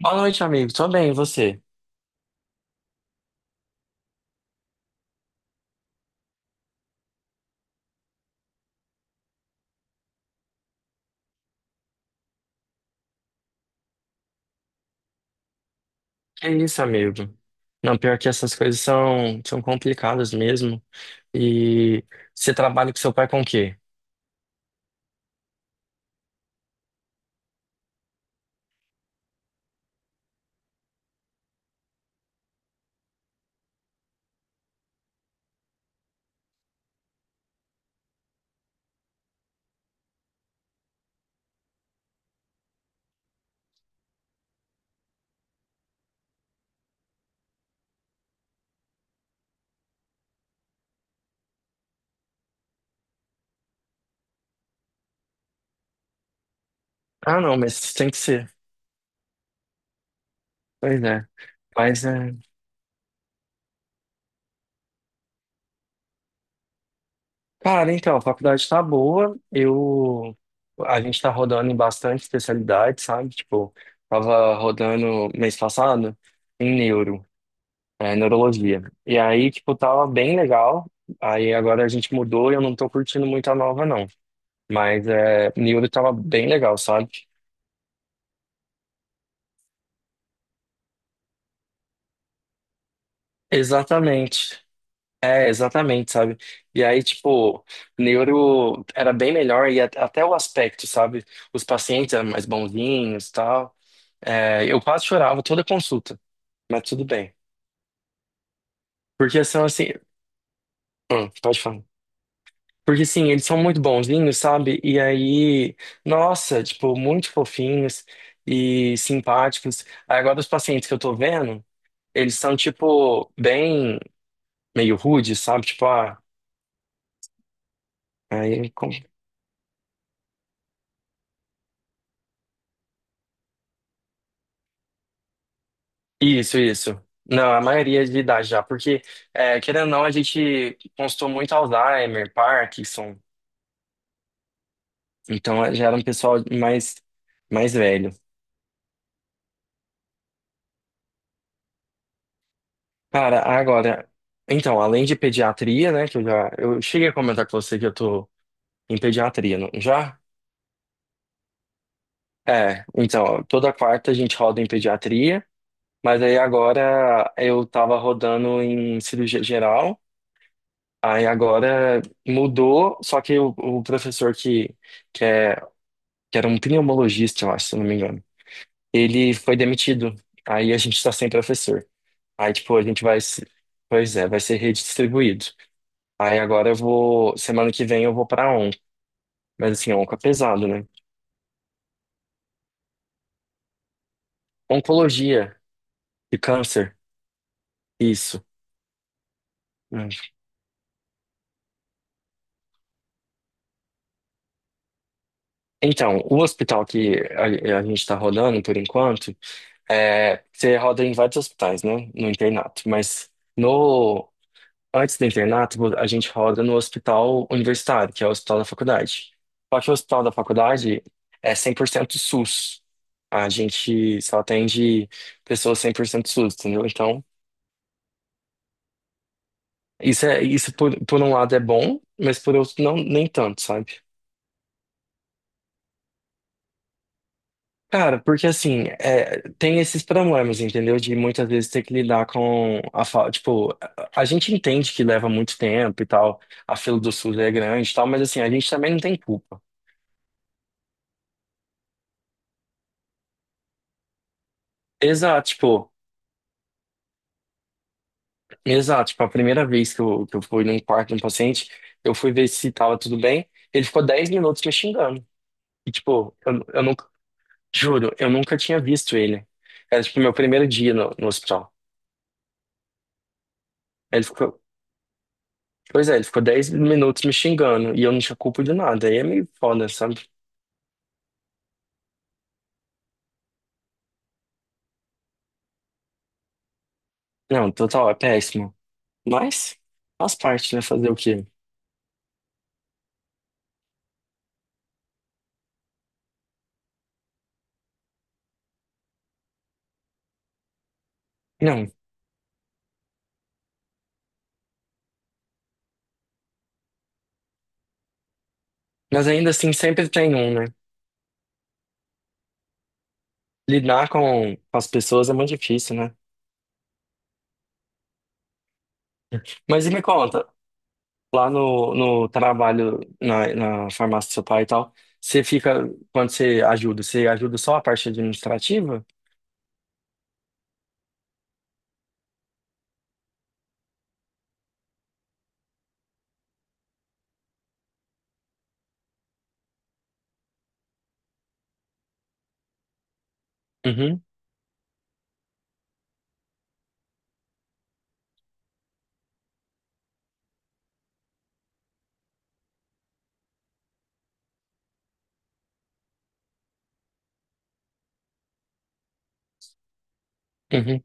Boa noite, amigo. Tô bem, e você? Que isso, amigo? Não, pior que essas coisas são complicadas mesmo. E você trabalha com seu pai com o quê? Ah, não, mas tem que ser. Pois é. Mas, é... Cara, então, a faculdade tá boa. A gente tá rodando em bastante especialidade, sabe? Tipo, tava rodando mês passado em neuro, neurologia. E aí, tipo, tava bem legal. Aí agora a gente mudou e eu não tô curtindo muito a nova, não. Mas Niobe tava bem legal, sabe? Exatamente. É, exatamente, sabe? E aí, tipo, neuro era bem melhor e até o aspecto, sabe? Os pacientes eram mais bonzinhos e tal. É, eu quase chorava toda consulta, mas tudo bem. Porque são assim. Pode falar. Porque sim, eles são muito bonzinhos, sabe? E aí, nossa, tipo, muito fofinhos e simpáticos. Aí agora, os pacientes que eu tô vendo, eles são, tipo, bem. Meio rude, sabe? Aí. com- Isso, isso. Não, a maioria de idade já, porque, querendo ou não, a gente constou muito Alzheimer, Parkinson, então já era um pessoal mais velho. Cara, agora, então, além de pediatria, né, que eu cheguei a comentar com você que eu tô em pediatria, não, já? É, então, toda quarta a gente roda em pediatria, mas aí agora eu tava rodando em cirurgia geral. Aí agora mudou, só que o professor que, é, que era um pneumologista, eu acho, se eu não me engano, ele foi demitido. Aí a gente está sem professor. Aí, tipo, a gente vai se... Pois é, vai ser redistribuído. Aí agora eu vou... Semana que vem eu vou pra ON. Mas assim, onco é pesado, né? Oncologia e câncer, isso. Hum. Então, o hospital que a gente está rodando por enquanto, você roda em vários hospitais, né? No internato, mas... No Antes do internato, a gente roda no hospital universitário, que é o hospital da faculdade. Só que o hospital da faculdade é 100% SUS. A gente só atende pessoas 100% SUS, entendeu? Então, isso é isso por um lado é bom, mas por outro não nem tanto, sabe? Cara, porque assim, tem esses problemas, entendeu? De muitas vezes ter que lidar com a falta. Tipo, a gente entende que leva muito tempo e tal, a fila do SUS é grande e tal, mas assim, a gente também não tem culpa. Exato, tipo. Exato, tipo, a primeira vez que eu fui num quarto de um paciente, eu fui ver se tava tudo bem, ele ficou 10 minutos me xingando. E, tipo, eu nunca, juro, eu nunca tinha visto ele. Era, tipo, meu primeiro dia no hospital. Ele ficou, pois é, ele ficou 10 minutos me xingando, e eu não tinha culpa de nada, aí é meio foda, sabe? Não, total, é péssimo. Mas faz parte, né, fazer o quê? Não, mas ainda assim sempre tem um, né? Lidar com as pessoas é muito difícil, né? Mas e me conta, lá no trabalho, na farmácia do seu pai e tal, você fica, quando você ajuda só a parte administrativa? Uhum, uhum.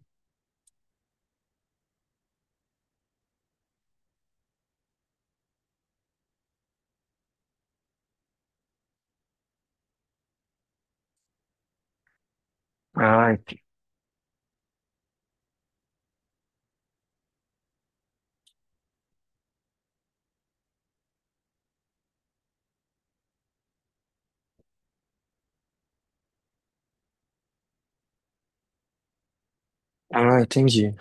Ah, ent- ah, entendi.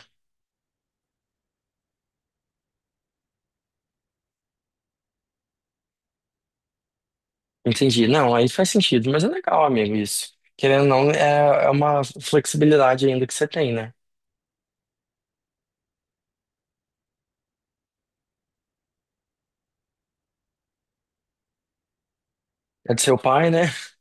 Entendi. Não, aí faz sentido, mas é legal, amigo, isso. Querendo ou não, é uma flexibilidade ainda que você tem, né? É do seu pai, né?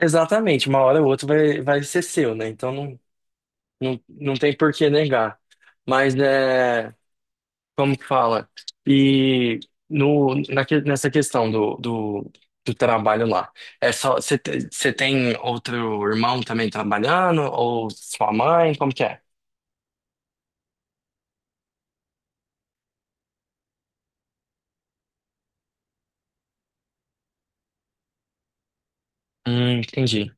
Exatamente, uma hora ou outra vai ser seu, né? Então não, não, não tem por que negar. Mas, né? Como que fala? E no, naque- nessa questão do trabalho lá, é só você tem outro irmão também trabalhando ou sua mãe? Como que é? Entendi.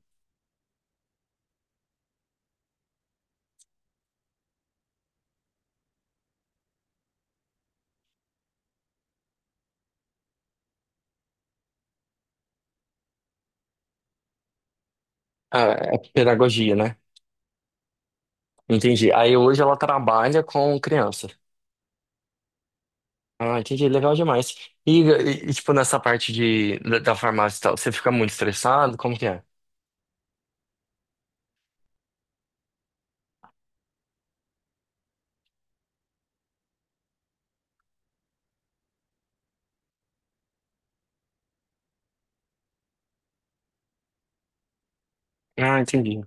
Ah, é pedagogia, né? Entendi. Aí hoje ela trabalha com criança. Ah, entendi. Legal demais. E, tipo, nessa parte da farmácia e tal, você fica muito estressado? Como que é? Ah, entendi.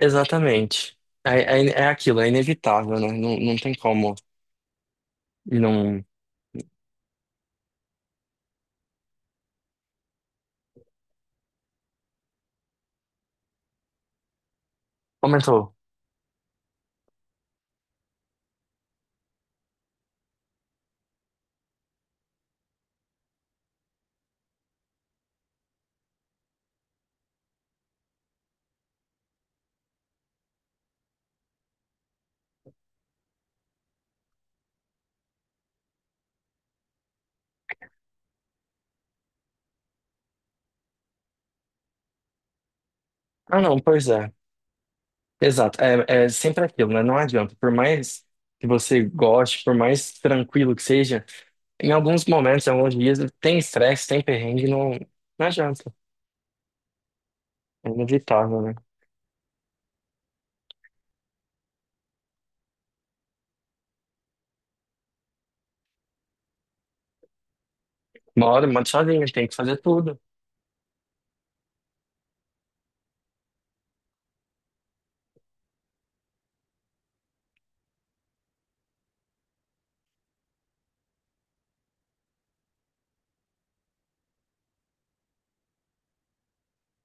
Exatamente. É aquilo, é inevitável, né? Não, não tem como não. Aumentou. Ah, não, pois é. Exato. É sempre aquilo, né? Não adianta. Por mais que você goste, por mais tranquilo que seja, em alguns momentos, em alguns dias, tem estresse, tem perrengue, não, não adianta. É inevitável, né? Uma hora, manda sozinho, tem que fazer tudo.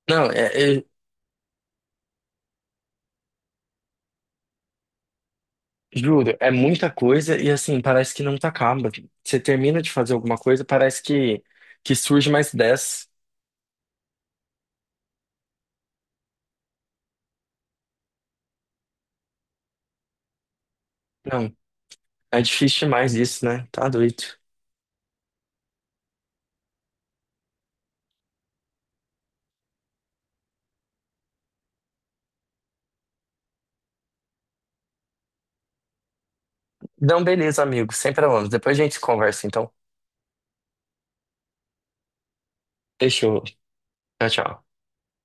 Não, é, é- Juro, é muita coisa e assim, parece que não tá acaba. Você termina de fazer alguma coisa, parece que surge mais 10. Não, é difícil demais isso, né? Tá doido. Então beleza, amigo. Sem problemas. Depois a gente conversa, então. Fechou. Tchau, tchau.